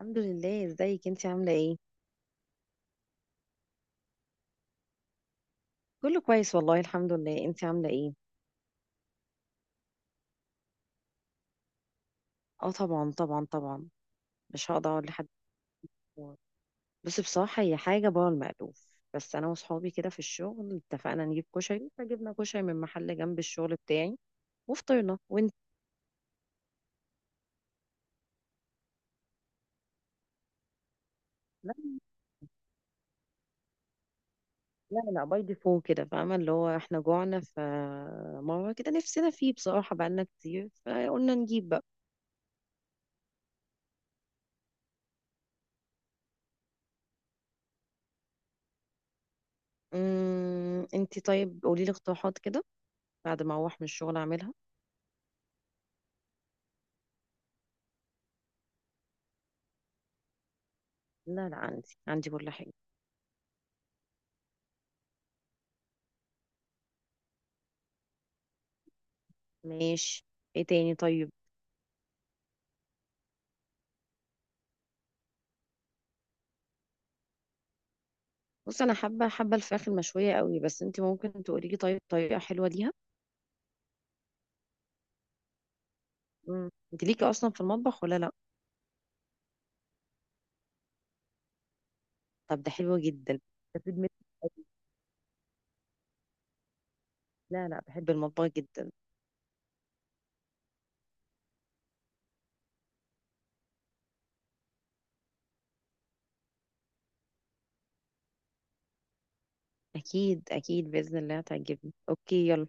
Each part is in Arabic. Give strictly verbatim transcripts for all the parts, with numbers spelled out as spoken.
الحمد لله. ازيك انت عامله ايه؟ كله كويس والله الحمد لله. انت عامله ايه؟ اه طبعا طبعا طبعا. مش هقدر اقول لحد. بصي بصراحه هي حاجه بره المألوف. بس انا وصحابي كده في الشغل اتفقنا نجيب كشري، فجبنا كشري من محل جنب الشغل بتاعي وفطرنا. وانت؟ لا. لا لا باي ديفو كده، فاهمه اللي هو احنا جوعنا فمره كده نفسنا فيه بصراحه، بقالنا كتير فقلنا نجيب بقى. امم انت طيب قولي لي اقتراحات كده بعد ما اروح من الشغل اعملها. لا لا، عندي عندي كل حاجه. ماشي. ايه تاني طيب؟ بص انا حابه حابه الفراخ المشويه قوي، بس انت ممكن تقولي لي طيب طريقه حلوه ليها؟ مم. انت ليكي اصلا في المطبخ ولا لا؟ طب ده حلو جدا. ده في دماغي. أكيد. لا لا، بحب المطبخ جدا. اكيد اكيد باذن الله هتعجبني. اوكي يلا.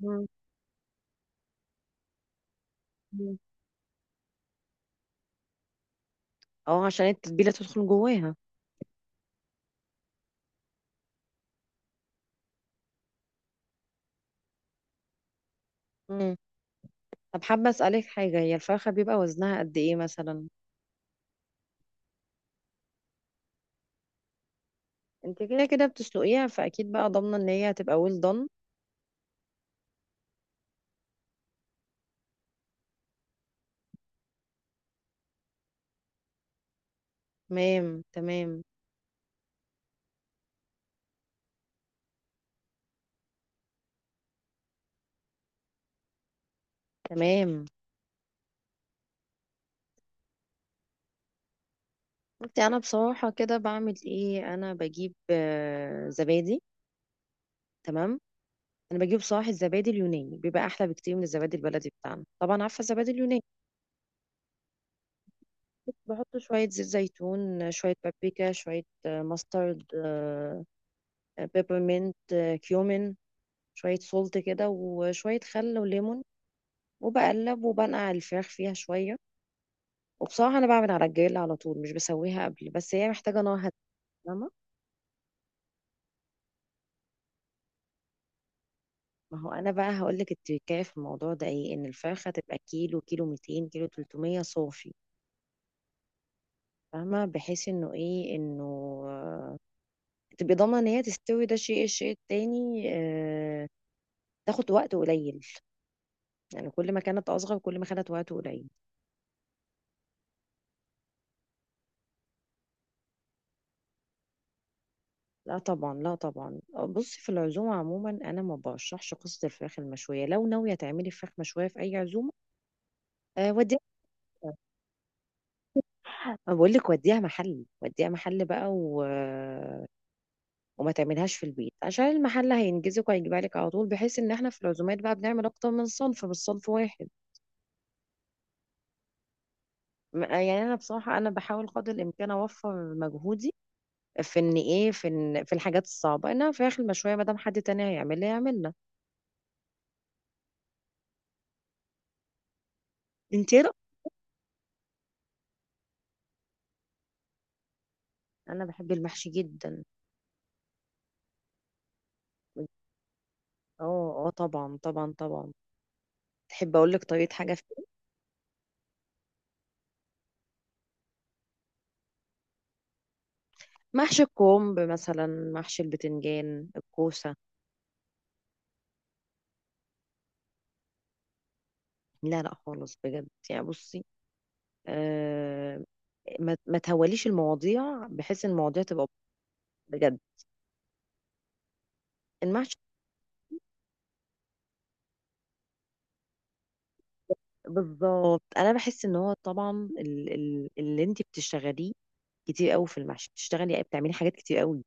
مم. مم. اه عشان التتبيله تدخل جواها. مم. طب حابه اسالك حاجه، هي الفرخه بيبقى وزنها قد ايه مثلا؟ انت كده كده بتسلقيها، فاكيد بقى ضامنه ان هي هتبقى ويل دون. تمام تمام. تمام بصي انا بصراحه كده بعمل ايه، انا بجيب آه، زبادي. تمام. انا بجيب صراحه الزبادي اليوناني، بيبقى احلى بكتير من الزبادي البلدي بتاعنا. طبعا عارفه الزبادي اليوناني. بحط شويه زيت زيتون، شويه بابريكا، شويه آه، ماسترد، آه، بيبرمنت، آه، كيومين، شويه سولت كده، وشويه خل وليمون، وبقلب وبنقع الفراخ فيها شويه. وبصراحه انا بعمل على الجريل على طول، مش بسويها قبل، بس هي محتاجه نار هاديه. فاهمة؟ ما هو انا بقى هقول لك التركايه في الموضوع ده ايه، ان الفرخه تبقى كيلو، كيلو مئتين، كيلو تلتمية صافي. فاهمه، بحيث انه ايه انه آه، تبقى ضامنه ان هي تستوي. ده شيء. الشيء التاني آه، تاخد وقت قليل، يعني كل ما كانت اصغر كل ما خدت وقت قليل. لا طبعا لا طبعا. بصي في العزومه عموما انا ما برشحش قصه الفراخ المشويه. لو ناويه تعملي فراخ مشويه في اي عزومه، آه، وديها. انا بقول لك وديها محل، وديها محل بقى و... وما تعملهاش في البيت، عشان المحل هينجزك وهيجيبها لك على طول، بحيث ان احنا في العزومات بقى بنعمل اكتر من صنف مش صنف واحد. م- يعني انا بصراحه انا بحاول قدر الامكان اوفر مجهودي في ان ايه في إن في الحاجات الصعبه، انها فراخ المشويه، ما دام حد تاني هيعملها يعملها. انت إيه رأيك؟ انا بحب المحشي جدا. اه اه طبعا طبعا طبعا. تحب اقول لك طريقه حاجه في محشي الكرنب مثلا؟ محشي البتنجان، الكوسه. لا لا خالص بجد، يعني بصي، آه، ما ما تهوليش المواضيع بحيث ان المواضيع تبقى، بجد، المحشي. بالظبط، انا بحس ان هو طبعا ال- ال- اللي انت بتشتغليه كتير قوي في المحشي، بتشتغلي بتعملي حاجات كتير قوي.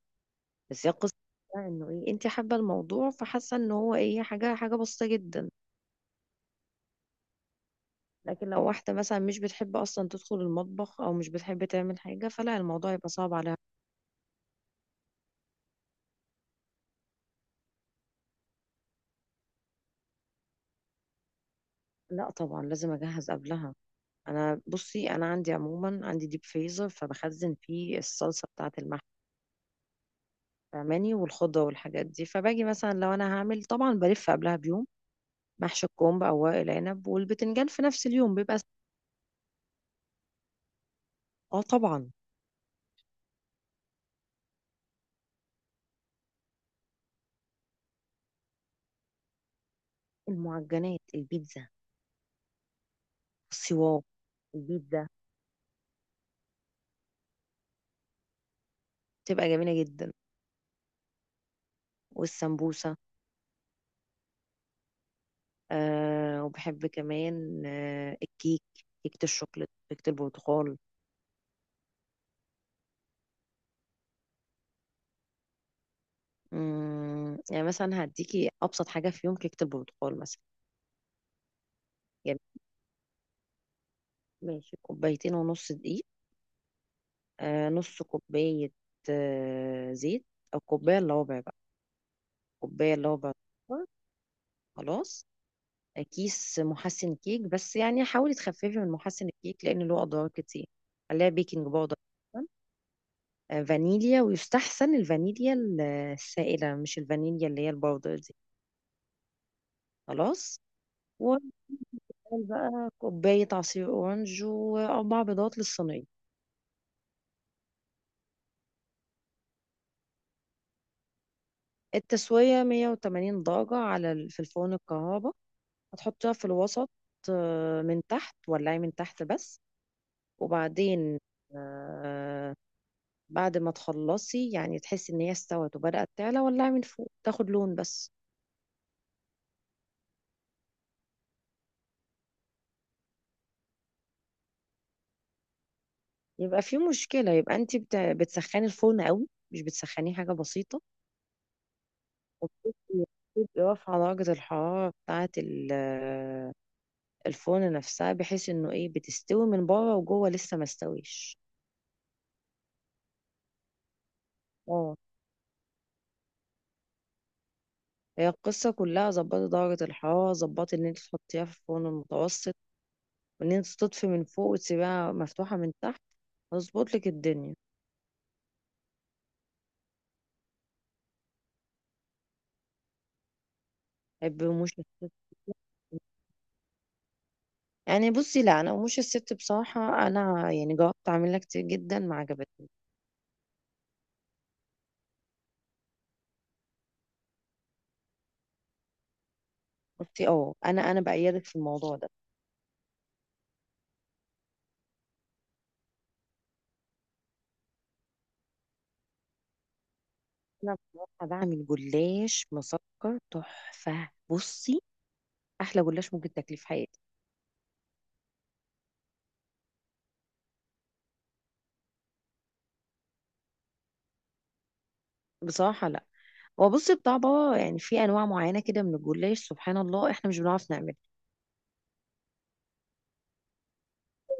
بس هي القصه بقى انه ايه، انت حابه الموضوع فحاسه ان هو ايه، حاجه حاجه بسيطه جدا. لكن لو واحده مثلا مش بتحب اصلا تدخل المطبخ او مش بتحب تعمل حاجه، فلا، الموضوع يبقى صعب عليها. لا طبعا لازم اجهز قبلها. انا بصي انا عندي عموما، عندي ديب فريزر فبخزن فيه الصلصه بتاعه المحشي، فاهماني، والخضة والحاجات دي. فباجي مثلا لو انا هعمل طبعا بلف قبلها بيوم محشي الكرنب او ورق العنب، والبتنجان في نفس اليوم بيبقى س- اه طبعا. المعجنات، البيتزا، السواق، البيتزا بتبقى جميلة جدا، والسمبوسة. آه وبحب كمان آه الكيك، كيكة الشوكولاتة، كيكة البرتقال. مم، يعني مثلا هديكي أبسط حاجة في يوم، كيكة البرتقال مثلا. يعني ماشي، كوبايتين ونص دقيق، آه، نص كوباية آه، زيت، أو كوباية إلا ربع بقى، كوباية إلا ربع سكر، خلاص، آه، كيس محسن كيك، بس يعني حاولي تخففي من محسن الكيك لأن له أضرار كتير عليها، بيكنج باودر مثلاً. آه، فانيليا، ويستحسن الفانيليا ال- السائلة، مش الفانيليا اللي هي الباودر دي. خلاص، ونعمل بقى كوباية عصير أورنج وأربع بيضات للصينية. التسوية مية وتمانين درجة على ال- في الفرن الكهرباء، هتحطيها في الوسط، آه، من تحت، ولعي من تحت بس. وبعدين آه، بعد ما تخلصي يعني تحسي ان هي استوت وبدأت تعلى، ولعي من فوق تاخد لون بس. يبقى في مشكلة، يبقى انت بت- بتسخني الفرن قوي مش بتسخنيه حاجة بسيطة، وبتبقي بتبقي واقفة على درجة الحرارة بتاعة ال- آه، الفرن نفسها، بحيث انه ايه، بتستوي من بره وجوه لسه ما استويش. اه. هي القصة كلها ظبطي درجة الحرارة، ظبطي ان انت تحطيها في الفرن المتوسط، وان انت تطفي من فوق وتسيبها مفتوحة من تحت، هظبط لك الدنيا. بحب رموش الست. يعني بصي لا، انا رموش الست بصراحة انا يعني جربت اعملها كتير جدا ما عجبتني. بصي اه، انا انا بأيدك في الموضوع ده. انا بصراحة بعمل جلاش مسكر تحفة. بصي احلى جلاش ممكن تاكليه في حياتك. بصراحة لا، هو بصي بتاع بابا يعني، في انواع معينة كده من الجلاش سبحان الله احنا مش بنعرف نعمله.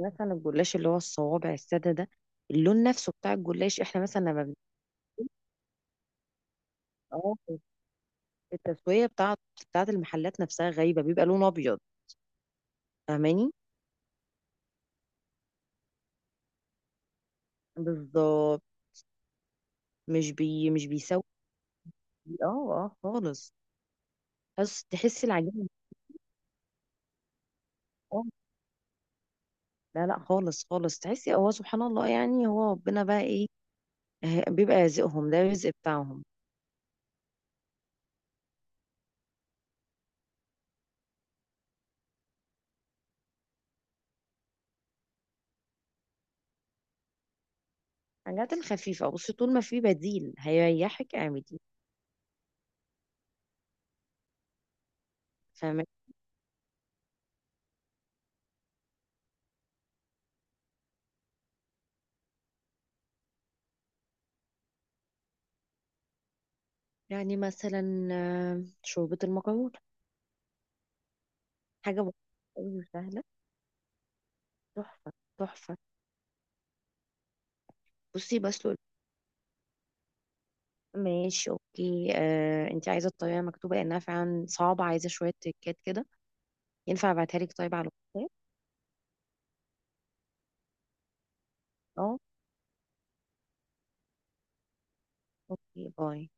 مثلا الجلاش اللي هو الصوابع السادة ده، اللون نفسه بتاع الجلاش احنا مثلا لما بن- اه، التسوية بتاعت بتاعت المحلات نفسها غايبة، بيبقى لون أبيض. فاهماني. بالظبط. مش بي مش بيسوي. اه. اه خالص. بس تحسي العجينة. اه. لا لا خالص خالص، تحسي هو سبحان الله يعني هو ربنا بقى ايه، آه، بيبقى رزقهم ده الرزق بتاعهم. الحاجات الخفيفة بصي طول ما في بديل هيريحك اعملي. فاهمة. يعني مثلا آه، شوربة المكرونة، حاجة بسيطة أوي وسهلة. تحفة. تحفة. بصي بسلق. ماشي اوكي آه، انت عايزه الطريقه مكتوبه لانها فعلا صعبه عايزه شويه تريكات كده. ينفع ابعتها لك طيب على الواتساب؟ اه. اوكي باي.